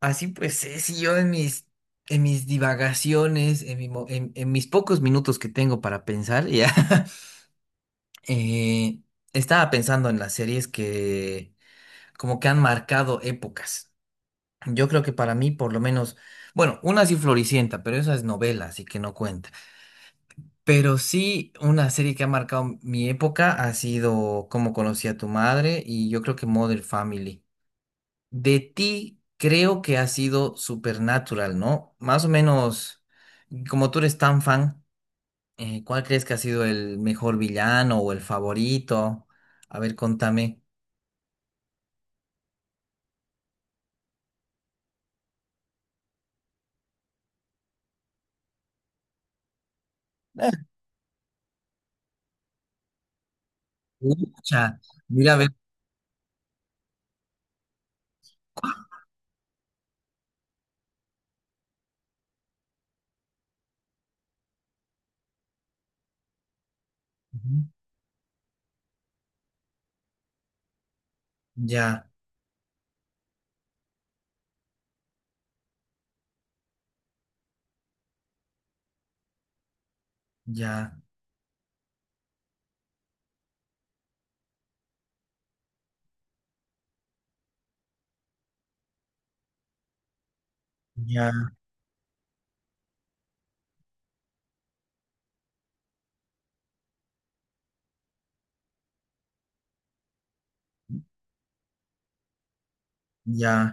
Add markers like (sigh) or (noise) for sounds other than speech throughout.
Así pues, si yo en mis divagaciones, en mis pocos minutos que tengo para pensar, ya (laughs) eh, estaba pensando en las series que como que han marcado épocas. Yo creo que para mí, por lo menos, bueno, una sí Floricienta, pero esa es novela, así que no cuenta. Pero sí, una serie que ha marcado mi época ha sido Cómo conocí a tu madre y yo creo que Modern Family. De ti creo que ha sido Supernatural, ¿no? Más o menos, como tú eres tan fan, ¿cuál crees que ha sido el mejor villano o el favorito? A ver, contame. Ucha, mira, a ver. Ujú. Ya, ya, ya, ya.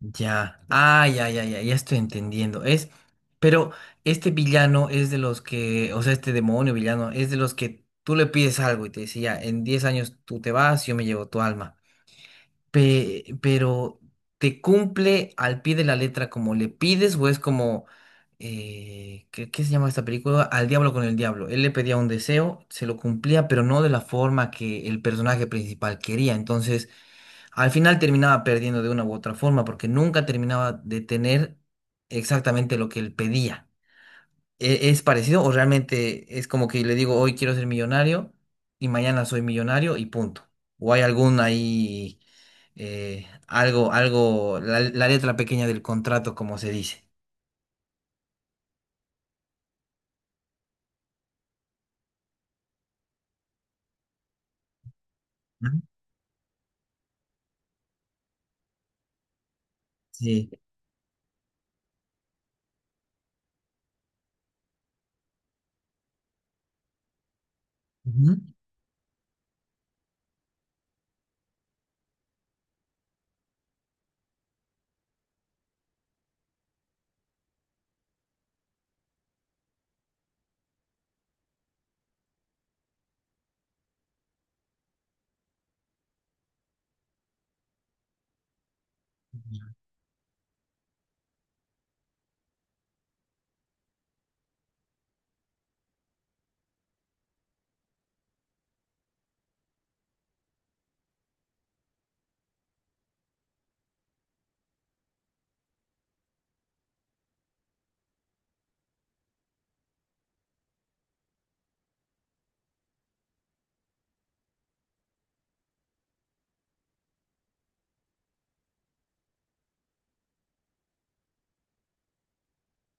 Ya, ah, ya, ya, ya, ya estoy entendiendo. Pero este villano es de los que, o sea, este demonio villano es de los que tú le pides algo y te dice, ya, en 10 años tú te vas, yo me llevo tu alma. Pero, ¿te cumple al pie de la letra como le pides o es como, qué se llama esta película? Al diablo con el diablo. Él le pedía un deseo, se lo cumplía, pero no de la forma que el personaje principal quería. Entonces al final terminaba perdiendo de una u otra forma porque nunca terminaba de tener exactamente lo que él pedía. ¿Es parecido o realmente es como que le digo hoy quiero ser millonario y mañana soy millonario y punto? ¿O hay algún ahí algo, la letra pequeña del contrato, como se dice? Ujú. Sí. Ujú.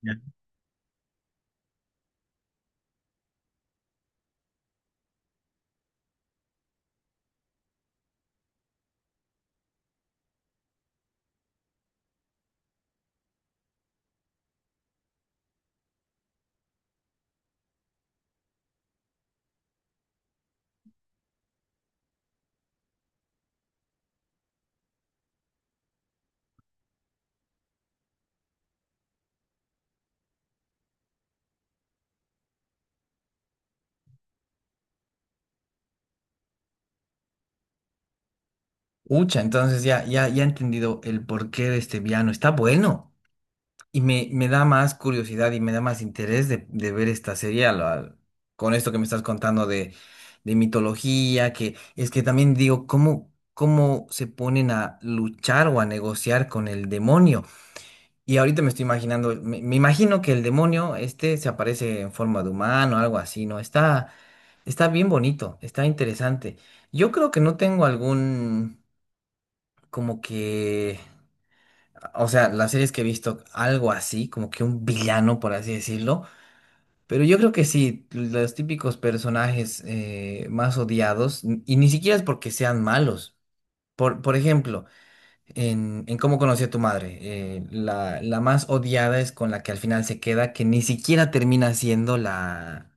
Ya. Ucha, entonces ya, ya, ya he entendido el porqué de este piano. Está bueno. Y me da más curiosidad y me da más interés de ver esta serie con esto que me estás contando de mitología, que es que también digo, cómo se ponen a luchar o a negociar con el demonio? Y ahorita me estoy imaginando, me imagino que el demonio este se aparece en forma de humano, algo así, ¿no? Está, está bien bonito, está interesante. Yo creo que no tengo algún, como que... O sea, las series que he visto, algo así, como que un villano, por así decirlo. Pero yo creo que sí, los típicos personajes más odiados, y ni siquiera es porque sean malos. Por ejemplo, en Cómo conocí a tu madre, la más odiada es con la que al final se queda, que ni siquiera termina siendo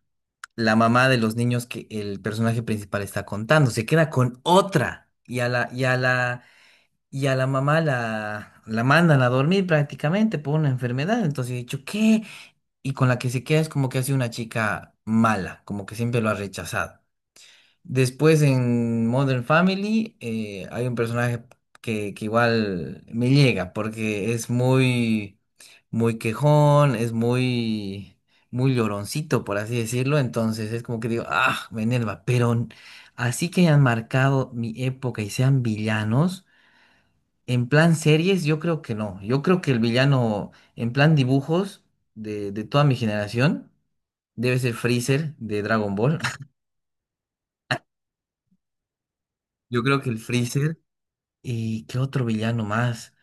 la mamá de los niños que el personaje principal está contando. Se queda con otra. Y a la mamá la mandan a dormir prácticamente por una enfermedad. Entonces he dicho, ¿qué? Y con la que se queda es como que ha sido una chica mala, como que siempre lo ha rechazado. Después en Modern Family hay un personaje que igual me llega porque es muy, muy quejón, es muy, muy lloroncito, por así decirlo. Entonces es como que digo, ah, me enerva. Pero así que hayan marcado mi época y sean villanos. En plan series, yo creo que no. Yo creo que el villano, en plan dibujos de toda mi generación, debe ser Freezer de Dragon Ball. (laughs) Yo creo que el Freezer. ¿Y qué otro villano más?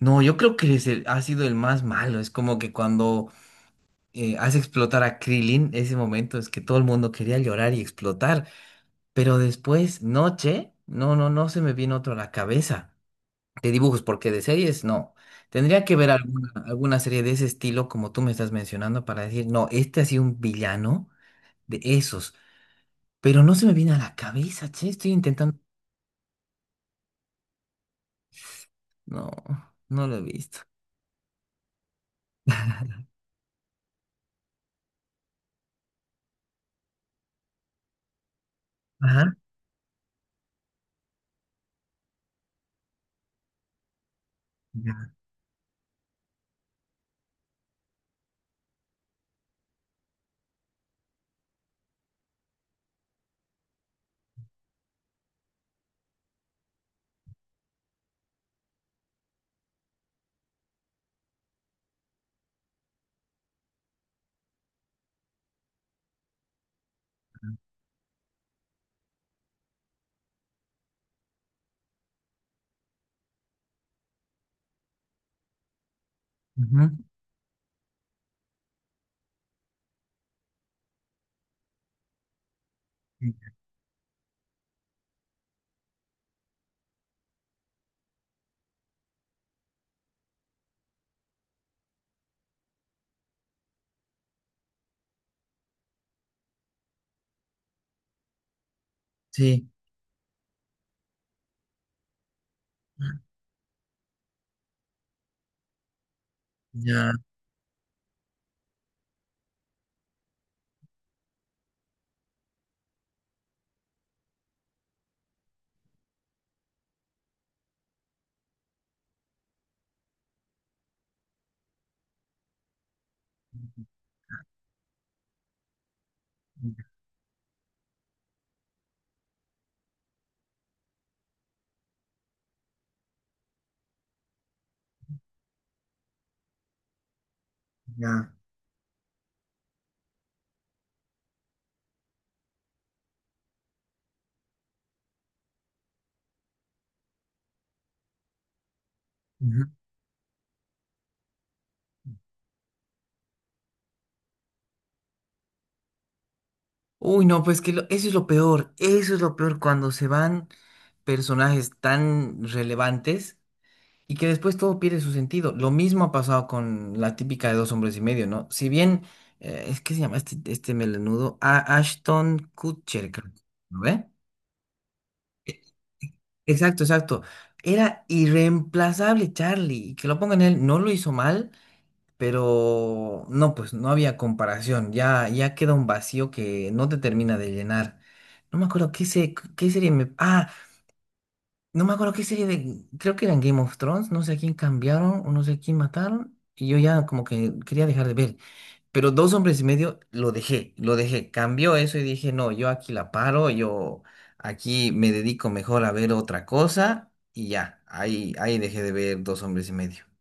No, yo creo que es ha sido el más malo. Es como que cuando hace explotar a Krillin, ese momento es que todo el mundo quería llorar y explotar. Pero después, noche, no se me viene otro a la cabeza. De dibujos, porque de series no. Tendría que ver alguna, alguna serie de ese estilo, como tú me estás mencionando, para decir, no, este ha sido un villano de esos. Pero no se me viene a la cabeza, che, estoy intentando. No, no lo he visto. Ajá. Ya. Ujú. Sí, ya, ya. Ujú. Uy, no, pues que eso es lo peor. Eso es lo peor cuando se van personajes tan relevantes y que después todo pierde su sentido. Lo mismo ha pasado con la típica de Dos Hombres y Medio, ¿no? Si bien, es que se llama este melenudo, Ashton Kutcher, creo, ¿no ve? E- Exacto, exacto. Era irreemplazable Charlie. Y que lo pongan él, no lo hizo mal, pero no, pues no había comparación. Ya, ya queda un vacío que no te termina de llenar. No me acuerdo qué serie me... Ah, no me acuerdo qué serie de. Creo que eran Game of Thrones. No sé a quién cambiaron o no sé a quién mataron. Y yo ya como que quería dejar de ver. Pero Dos Hombres y Medio lo dejé, lo dejé. Cambió eso y dije, no, yo aquí la paro. Yo aquí me dedico mejor a ver otra cosa. Y ya, ahí, ahí dejé de ver Dos Hombres y Medio.